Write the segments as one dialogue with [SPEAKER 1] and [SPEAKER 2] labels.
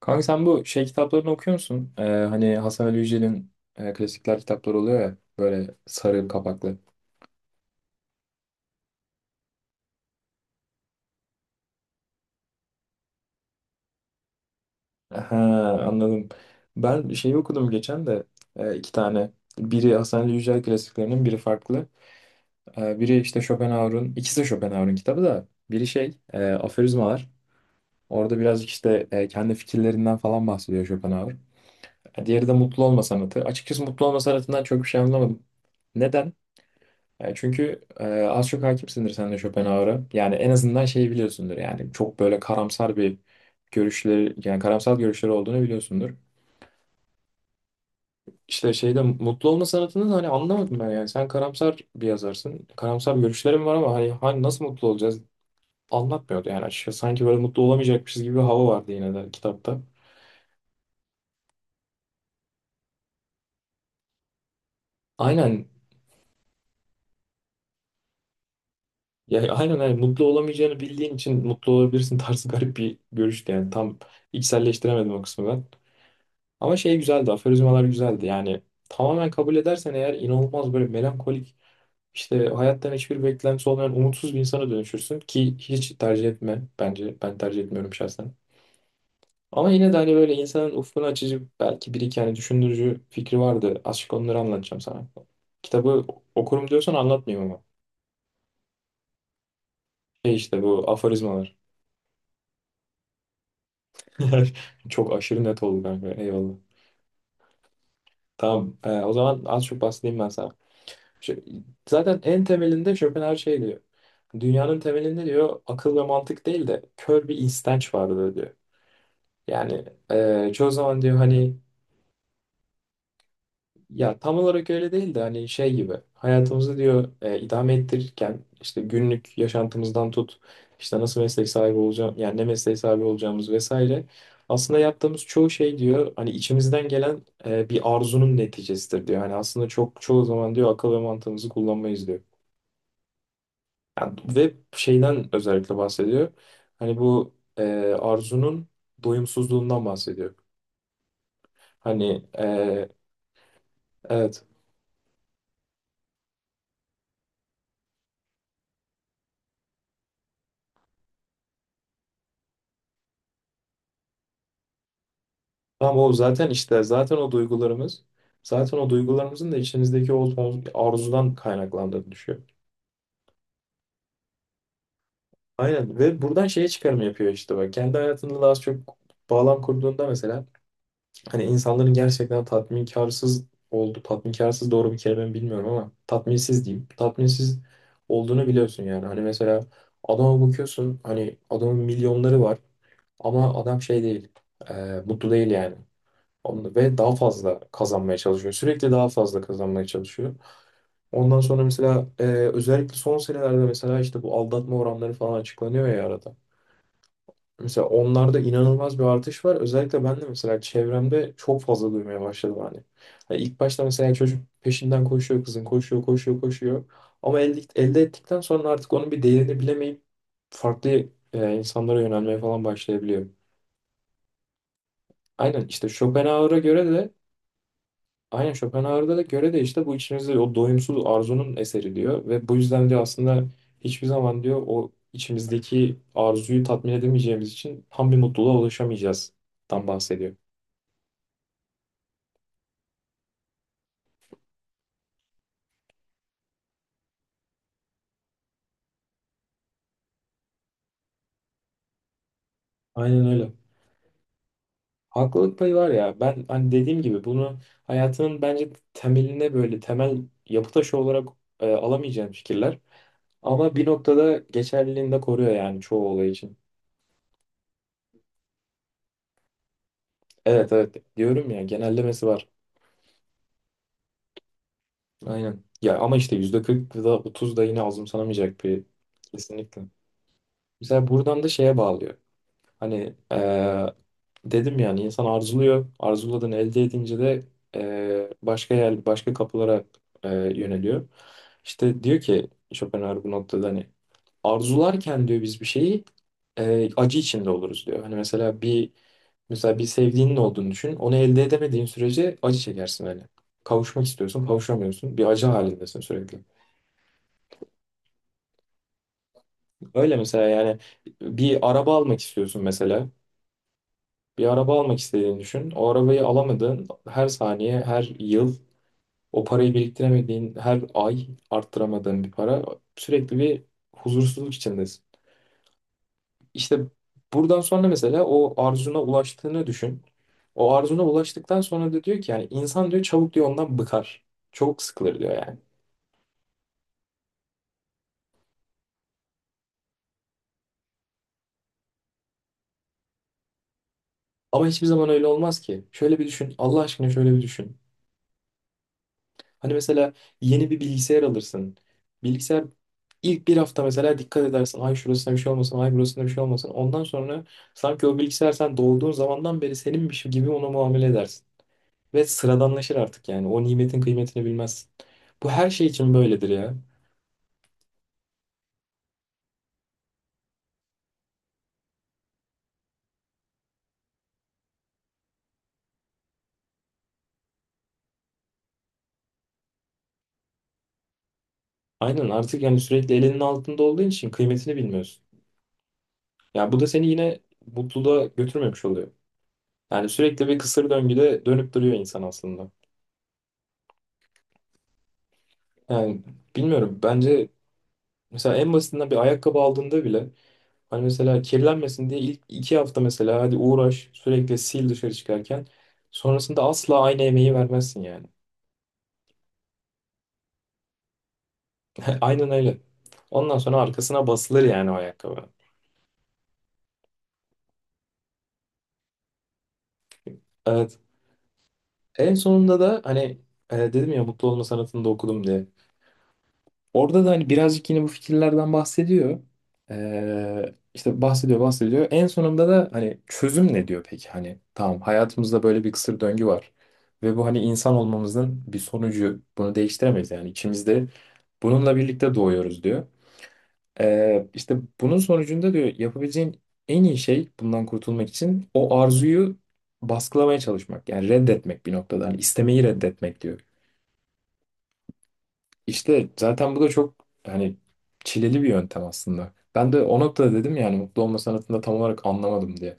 [SPEAKER 1] Kanka sen bu şey kitaplarını okuyor musun? Hani Hasan Ali Yücel'in klasikler kitapları oluyor ya böyle sarı kapaklı. Ha, anladım. Ben şeyi okudum geçen de iki tane. Biri Hasan Ali Yücel klasiklerinin biri farklı. Biri işte Schopenhauer'un, ikisi de Schopenhauer'un kitabı da biri Aforizmalar. Orada birazcık işte kendi fikirlerinden falan bahsediyor Schopenhauer. Diğeri de Mutlu Olma Sanatı. Açıkçası Mutlu Olma Sanatı'ndan çok bir şey anlamadım. Neden? Çünkü az çok hakimsindir sen de Schopenhauer'a. Yani en azından şeyi biliyorsundur yani çok böyle karamsar bir görüşleri yani karamsar görüşleri olduğunu biliyorsundur. İşte şeyde mutlu olma sanatını da hani anlamadım ben yani. Sen karamsar bir yazarsın. Karamsar görüşlerim var ama hani nasıl mutlu olacağız anlatmıyordu yani açıkçası. Sanki böyle mutlu olamayacakmışız gibi bir hava vardı yine de kitapta. Aynen aynen hani mutlu olamayacağını bildiğin için mutlu olabilirsin tarzı garip bir görüştü yani tam içselleştiremedim o kısmı ben. Ama şey güzeldi, aforizmalar güzeldi. Yani tamamen kabul edersen eğer inanılmaz böyle melankolik, işte hayattan hiçbir beklentisi olmayan umutsuz bir insana dönüşürsün ki hiç tercih etme bence. Ben tercih etmiyorum şahsen. Ama yine de hani böyle insanın ufkunu açıcı belki bir iki hani düşündürücü fikri vardı. Azıcık onları anlatacağım sana. Kitabı okurum diyorsan anlatmayayım ama. Şey işte bu aforizmalar. Çok aşırı net oldu kanka. Eyvallah. Tamam. O zaman az çok bahsedeyim ben sana. Şey, Zaten en temelinde Schopenhauer şey diyor. Dünyanın temelinde diyor akıl ve mantık değil de kör bir istenç vardır diyor. Yani çoğu zaman diyor hani ya tam olarak öyle değil de hani şey gibi hayatımızı diyor idame ettirirken işte günlük yaşantımızdan tut işte nasıl meslek sahibi olacağım yani ne mesleği sahibi olacağımız vesaire. Aslında yaptığımız çoğu şey diyor hani içimizden gelen bir arzunun neticesidir diyor. Hani aslında çok çoğu zaman diyor akıl ve mantığımızı kullanmayız diyor. Yani ve şeyden özellikle bahsediyor. Hani bu arzunun doyumsuzluğundan bahsediyor. Hani evet. Tam o zaten işte zaten o duygularımız zaten o duygularımızın da içimizdeki o arzudan kaynaklandığını düşüyor. Aynen ve buradan şeye çıkarım yapıyor işte bak. Kendi hayatında da az çok bağlam kurduğunda mesela hani insanların gerçekten tatminkarsız oldu. Tatminkarsız doğru bir kelime mi bilmiyorum ama tatminsiz diyeyim. Tatminsiz olduğunu biliyorsun yani. Hani mesela adama bakıyorsun hani adamın milyonları var ama adam şey değil. Mutlu değil yani. Ve daha fazla kazanmaya çalışıyor. Sürekli daha fazla kazanmaya çalışıyor. Ondan sonra mesela özellikle son senelerde mesela işte bu aldatma oranları falan açıklanıyor ya arada. Mesela onlarda inanılmaz bir artış var. Özellikle ben de mesela çevremde çok fazla duymaya başladım hani. Hani ilk başta mesela çocuk peşinden koşuyor kızın, koşuyor, koşuyor, koşuyor. Ama elde ettikten sonra artık onun bir değerini bilemeyip farklı insanlara yönelmeye falan başlayabiliyor. Aynen işte Schopenhauer'a göre de Aynen Schopenhauer'da da göre de işte bu içimizde o doyumsuz arzunun eseri diyor ve bu yüzden diyor aslında hiçbir zaman diyor o içimizdeki arzuyu tatmin edemeyeceğimiz için tam bir mutluluğa ulaşamayacağız dan bahsediyor. Aynen öyle. Haklılık payı var ya ben hani dediğim gibi bunu hayatının bence temeline böyle temel yapı taşı olarak alamayacağım fikirler ama bir noktada geçerliliğini de koruyor yani çoğu olay için. Evet evet diyorum ya genellemesi var. Aynen. Ya ama işte %40 da 30 da yine azımsanamayacak bir kesinlikle. Mesela buradan da şeye bağlıyor. Hani dedim yani insan arzuluyor. Arzuladığını elde edince de başka yer, başka kapılara yöneliyor. İşte diyor ki Schopenhauer bu noktada hani arzularken diyor biz bir şeyi acı içinde oluruz diyor. Mesela bir sevdiğinin olduğunu düşün. Onu elde edemediğin sürece acı çekersin hani. Kavuşmak istiyorsun, kavuşamıyorsun. Bir acı halindesin sürekli. Öyle mesela yani bir araba almak istiyorsun mesela. Bir araba almak istediğini düşün. O arabayı alamadığın her saniye, her yıl o parayı biriktiremediğin her ay arttıramadığın bir para sürekli bir huzursuzluk içindesin. İşte buradan sonra mesela o arzuna ulaştığını düşün. O arzuna ulaştıktan sonra da diyor ki yani insan diyor çabuk diyor ondan bıkar. Çok sıkılır diyor yani. Ama hiçbir zaman öyle olmaz ki. Şöyle bir düşün. Allah aşkına şöyle bir düşün. Hani mesela yeni bir bilgisayar alırsın. Bilgisayar ilk bir hafta mesela dikkat edersin. Ay şurasında bir şey olmasın, ay burasında bir şey olmasın. Ondan sonra sanki o bilgisayar sen doğduğun zamandan beri seninmiş gibi ona muamele edersin. Ve sıradanlaşır artık yani. O nimetin kıymetini bilmezsin. Bu her şey için böyledir ya. Aynen artık yani sürekli elinin altında olduğun için kıymetini bilmiyorsun. Ya bu da seni yine mutluluğa götürmemiş oluyor. Yani sürekli bir kısır döngüde dönüp duruyor insan aslında. Yani bilmiyorum bence mesela en basitinden bir ayakkabı aldığında bile hani mesela kirlenmesin diye ilk iki hafta mesela hadi uğraş sürekli sil dışarı çıkarken sonrasında asla aynı emeği vermezsin yani. Aynen öyle. Ondan sonra arkasına basılır yani o ayakkabı. Evet. En sonunda da hani dedim ya mutlu olma sanatını da okudum diye. Orada da hani birazcık yine bu fikirlerden bahsediyor. İşte bahsediyor bahsediyor. En sonunda da hani çözüm ne diyor peki? Hani tamam hayatımızda böyle bir kısır döngü var. Ve bu hani insan olmamızın bir sonucu. Bunu değiştiremeyiz yani içimizde bununla birlikte doğuyoruz diyor. İşte bunun sonucunda diyor yapabileceğin en iyi şey bundan kurtulmak için o arzuyu baskılamaya çalışmak. Yani reddetmek bir noktada. Hani istemeyi reddetmek diyor. İşte zaten bu da çok hani çileli bir yöntem aslında. Ben de o noktada dedim yani mutlu olma sanatında tam olarak anlamadım diye.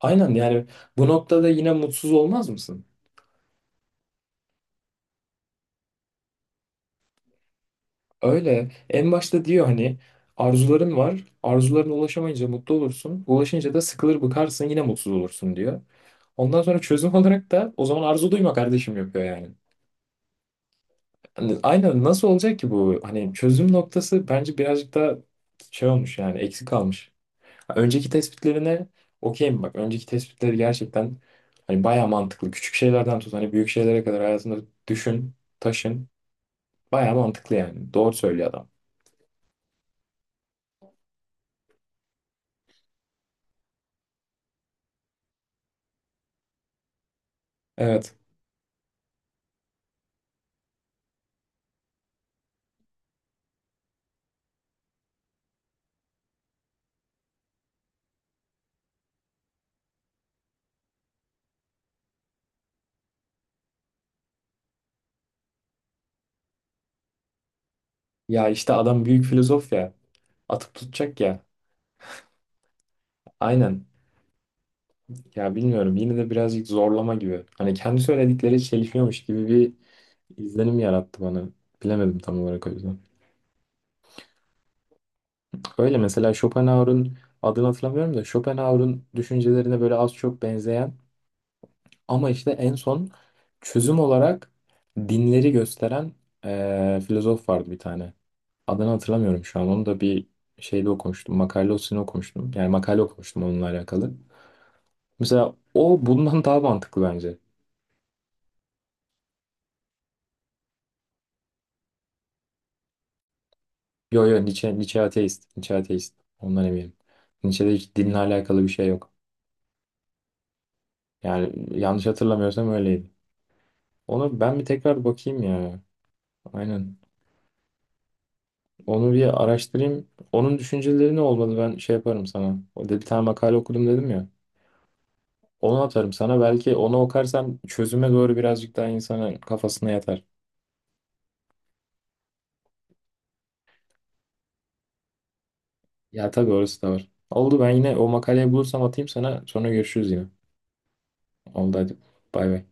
[SPEAKER 1] Aynen yani bu noktada yine mutsuz olmaz mısın? Öyle. En başta diyor hani arzuların var. Arzularına ulaşamayınca mutlu olursun. Ulaşınca da sıkılır bıkarsın yine mutsuz olursun diyor. Ondan sonra çözüm olarak da o zaman arzu duyma kardeşim yapıyor yani. Hani aynen nasıl olacak ki bu? Hani çözüm noktası bence birazcık da şey olmuş yani eksik kalmış. Ha, önceki tespitlerine okeyim bak. Önceki tespitleri gerçekten hani bayağı mantıklı. Küçük şeylerden tut hani büyük şeylere kadar hayatında düşün, taşın. Bayağı mantıklı yani. Doğru söylüyor adam. Evet. Ya işte adam büyük filozof ya. Atıp tutacak ya. Aynen. Ya bilmiyorum yine de birazcık zorlama gibi. Hani kendi söyledikleri çelişiyormuş gibi bir izlenim yarattı bana. Bilemedim tam olarak o yüzden. Öyle mesela Schopenhauer'un adını hatırlamıyorum da Schopenhauer'un düşüncelerine böyle az çok benzeyen ama işte en son çözüm olarak dinleri gösteren filozof vardı bir tane. Adını hatırlamıyorum şu an. Onu da bir şeyde okumuştum. Makalesini okumuştum. Yani makale okumuştum onunla alakalı. Mesela o bundan daha mantıklı bence. Yo yo Nietzsche, Nietzsche ateist. Nietzsche ateist. Ondan eminim. Nietzsche'de hiç dinle alakalı bir şey yok. Yani yanlış hatırlamıyorsam öyleydi. Onu ben bir tekrar bakayım ya. Aynen. Onu bir araştırayım. Onun düşünceleri ne olmalı ben şey yaparım sana. O da bir tane makale okudum dedim ya. Onu atarım sana. Belki onu okursam çözüme doğru birazcık daha insanın kafasına yatar. Ya tabii orası da var. Oldu ben yine o makaleyi bulursam atayım sana. Sonra görüşürüz yine. Oldu hadi. Bay bay.